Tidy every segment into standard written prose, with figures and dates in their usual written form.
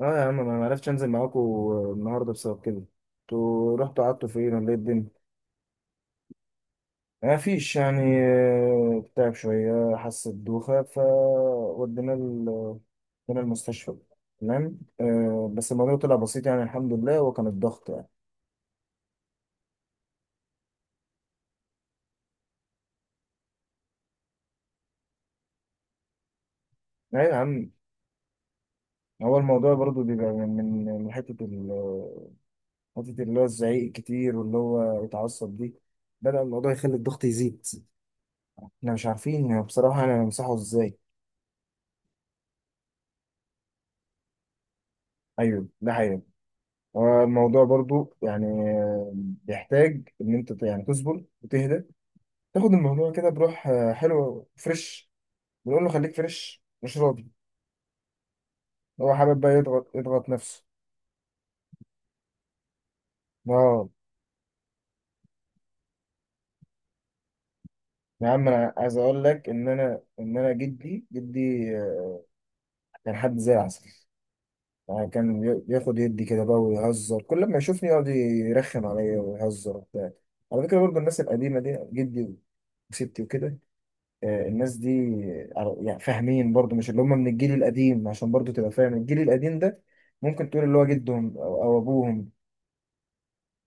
اه، يا عم، انا ما عرفتش انزل معاكم النهارده بسبب كده. انتوا رحتوا قعدتوا فين ولا ايه الدنيا؟ ما فيش يعني. تعب شويه، حس بدوخه، ودينا المستشفى. تمام. بس الموضوع طلع بسيط يعني، الحمد لله، هو كان الضغط يعني. ايوه يا عم. هو الموضوع برضو بيبقى من حته اللي هو الزعيق الكتير واللي هو يتعصب دي، بدأ الموضوع يخلي الضغط يزيد. احنا مش عارفين بصراحه انا نمسحه ازاي. ايوه، ده حقيقي. الموضوع برضو يعني بيحتاج ان انت يعني تصبر وتهدى، تاخد الموضوع كده بروح، حلو فريش. بنقول له خليك فريش، مش راضي. هو حابب بقى يضغط يضغط نفسه. اه يا عم، انا عايز اقول لك ان انا جدي جدي، كان حد زي العسل. يعني كان ياخد يدي كده بقى، ويهزر كل ما يشوفني، يقعد يرخم عليا ويهزر وبتاع. على فكره برضه الناس القديمه دي، جدي وستي وكده. الناس دي يعني فاهمين برضو، مش اللي هم من الجيل القديم، عشان برضو تبقى فاهم الجيل القديم ده. ممكن تقول اللي هو جدهم او ابوهم،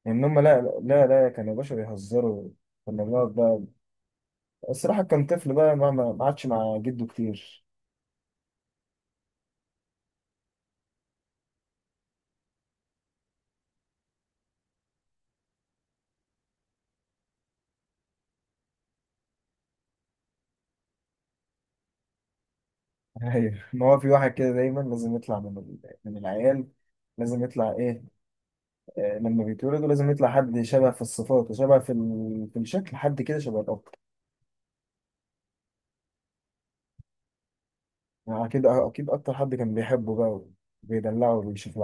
ان هم لا لا لا كانوا باشا بيهزروا. كنا بنقعد بقى. الصراحة كان طفل بقى، ما عادش مع جده كتير. ايوه، ما هو في واحد كده دايما لازم يطلع من العيال. لازم يطلع ايه؟ لما بيتولدوا لازم يطلع حد شبه في الصفات وشبه في الشكل، حد كده شبه الاب. يعني اكيد اكيد اكتر حد كان بيحبه بقى، وبيدلعه وبيشوف.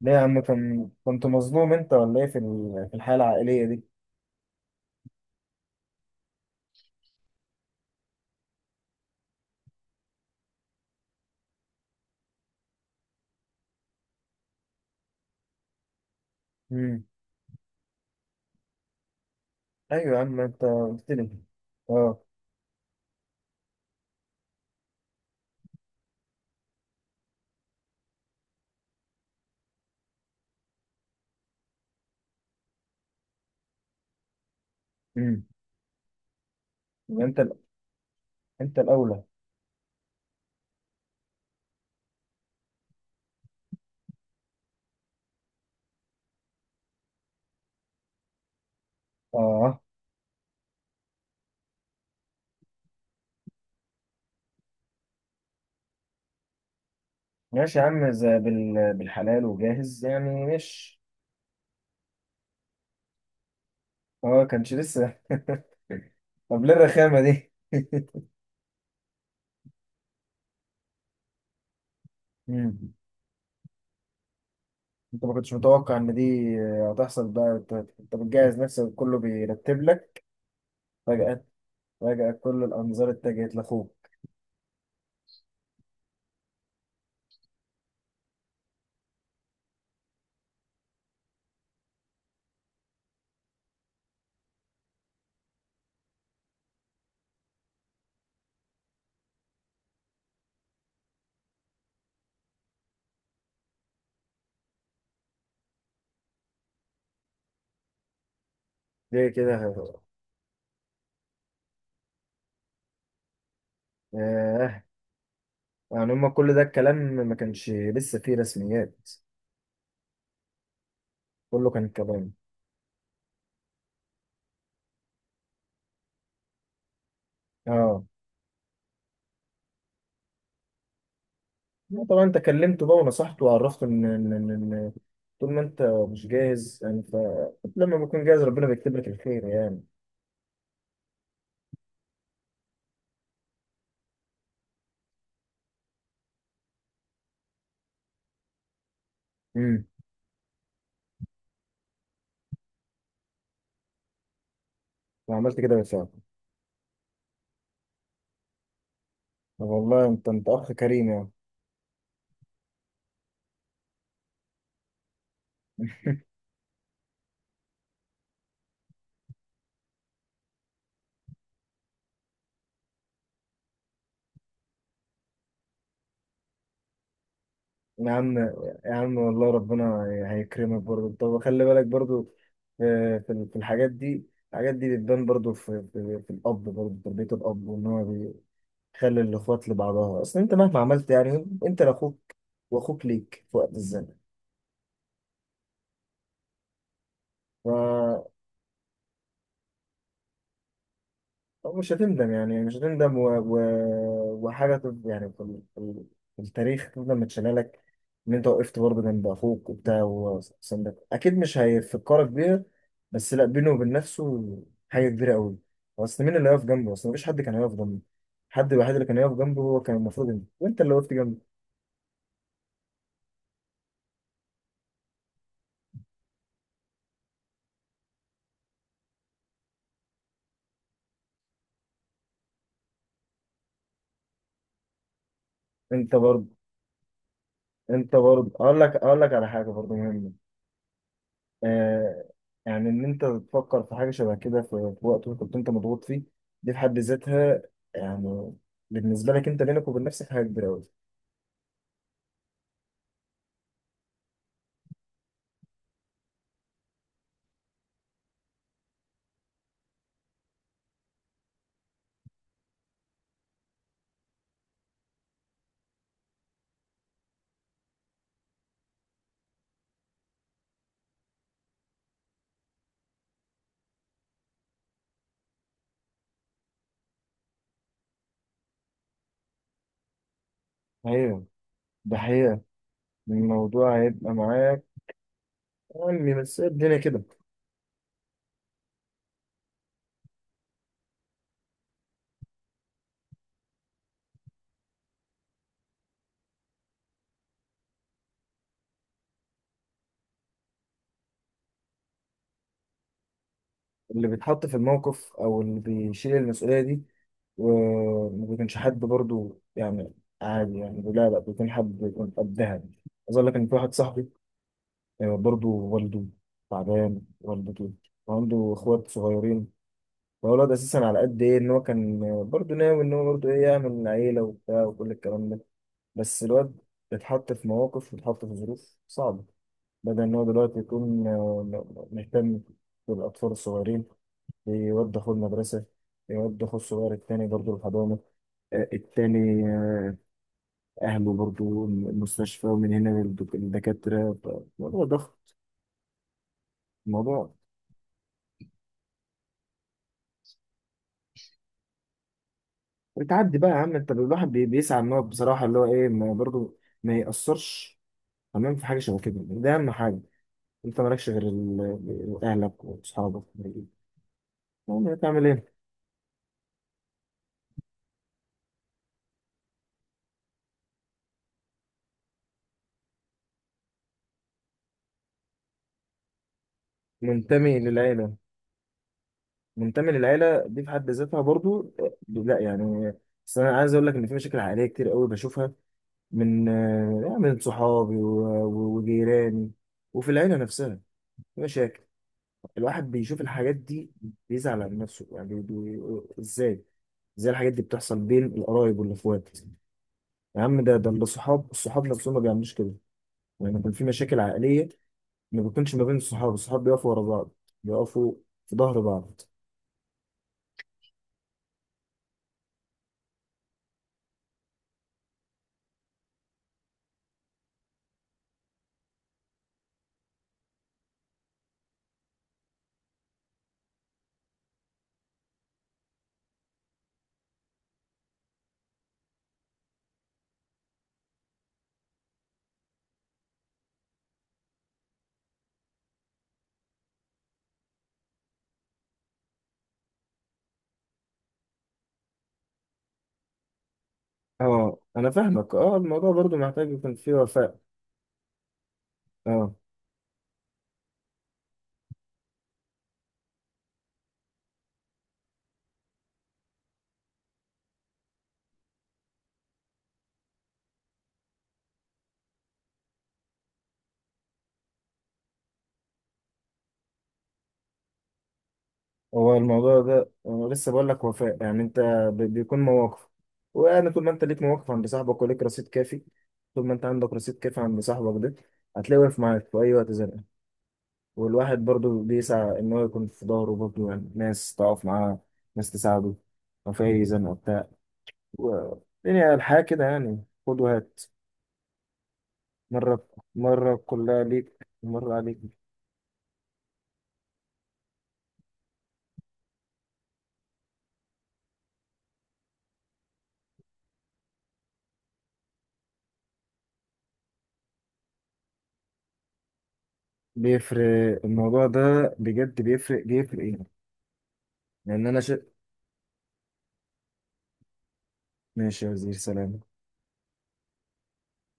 ليه يا عم؟ كان كنت مظلوم انت ولا ايه في الحياة العائلية دي؟ امم. ايوه يا عم، انت قلت لي. اه. امم يبقى انت الاولى. اه. ماشي يا عم، زي بالحلال وجاهز، يعني مش. اه، كانش لسه طب ليه الرخامة دي؟ امم انت ما كنتش متوقع ان دي هتحصل بقى؟ انت بتجهز نفسك، كله بيرتب لك. فجأة. فجأة كل الانظار اتجهت لاخوك. ليه كده يا غبي؟ ياه. يعني هما كل ده الكلام ما كانش لسه فيه رسميات؟ كله كان كلام. اه. لا طبعا، انت كلمته بقى ونصحته وعرفته ان ان ان إن طول ما انت مش جاهز انت، لما بكون جاهز ربنا بيكتب لك الخير يعني. امم وعملت كده بالفعل؟ طب والله، انت اخ كريم يعني. يا عم، يا عم والله ربنا هيكرمك برضه، طب خلي بالك برضه في الحاجات دي. الحاجات دي بتبان برضه في الأب، برضه تربية الأب وإن هو خلي الاخوات لبعضها. اصل انت مهما عملت، يعني انت لاخوك، واخوك ليك في وقت الزمن. فمش هتندم، يعني مش هتندم، وحاجه يعني في التاريخ، تفضل متشاله لك ان انت وقفت برضه جنب اخوك وبتاع وسندك. اكيد مش هيفكرك بيها، بس لا، بينه وبين نفسه حاجه كبيره قوي. اصل مين اللي هيقف جنبه؟ اصل مفيش حد كان هيقف جنبه، الحد الوحيد اللي كان هيقف جنبه هو كان المفروض انت، وانت اللي وقفت جنبه. انت برضه انت برضه اقول لك على حاجه برضه مهمه آه يعني ان انت تفكر في حاجه شبه كده في وقت كنت انت مضغوط فيه، دي في حد ذاتها يعني، بالنسبه لك انت، بينك وبين نفسك حاجه كبيره قوي. ايوه، ده حقيقه، الموضوع هيبقى معاك، يعني بس هي الدنيا كده. اللي بيتحط في الموقف او اللي بيشيل المسؤوليه دي، وما بيكونش حد برضو، يعني عادي يعني، لا لا، بيكون حد بيكون قدها. عايز اقول لك ان في واحد صاحبي، برضو والده تعبان، والدته، وعنده اخوات صغيرين. هو الواد اساسا، على قد ايه ان هو كان برضه ناوي ان هو برضه ايه، يعمل عيله وبتاع وكل الكلام ده، بس الواد اتحط في مواقف واتحط في ظروف صعبه، بدل ان هو دلوقتي يكون مهتم بالاطفال الصغيرين، يود اخوه المدرسه، يود اخوه الصغير التاني برضه الحضانه، التاني، اهله برضه المستشفى، ومن هنا للدكاتره الموضوع ضغط، الموضوع بتعدي بقى يا عم، انت الواحد بيسعى ان هو بصراحه، اللي هو ايه، ما برضه ما يأثرش. تمام، في حاجة شبه كده، ده أهم حاجة. أنت مالكش غير أهلك وأصحابك، المهم يعني تعمل إيه؟ منتمي للعيلة، منتمي للعيلة دي في حد ذاتها برضو، لا يعني. بس أنا عايز أقول لك إن في مشاكل عائلية كتير قوي بشوفها، من صحابي وجيراني، وفي العيلة نفسها في مشاكل. الواحد بيشوف الحاجات دي، بيزعل على نفسه يعني إزاي؟ إزاي الحاجات دي بتحصل بين القرايب والإخوات؟ يا عم، ده الصحاب الصحاب نفسهم ما بيعملوش كده لما يكون في مشاكل عائلية، ما بيكونش، ما بين الصحاب الصحاب بيقفوا ورا بعض، بيقفوا في ظهر بعض. اه، انا فاهمك، اه، الموضوع برضو محتاج يكون فيه وفاء. اه. هو الموضوع ده انا لسه بقول لك وفاء، يعني انت بيكون مواقف. وانا طول ما انت ليك مواقف عند صاحبك وليك رصيد كافي، طول ما انت عندك رصيد كافي عند صاحبك ده، هتلاقيه واقف معاك في اي وقت زنقه. والواحد برضو بيسعى ان هو يكون في ظهره، برضو يعني ناس تقف معاه، ناس تساعده لو في اي زنقه بتاع، و- يعني الحياة كده، يعني خد وهات. مرة، مرة كلها ليك، مرة عليك. بيفرق الموضوع ده، بجد بيفرق ايه، لأن أنا. ماشي يا وزير، سلام.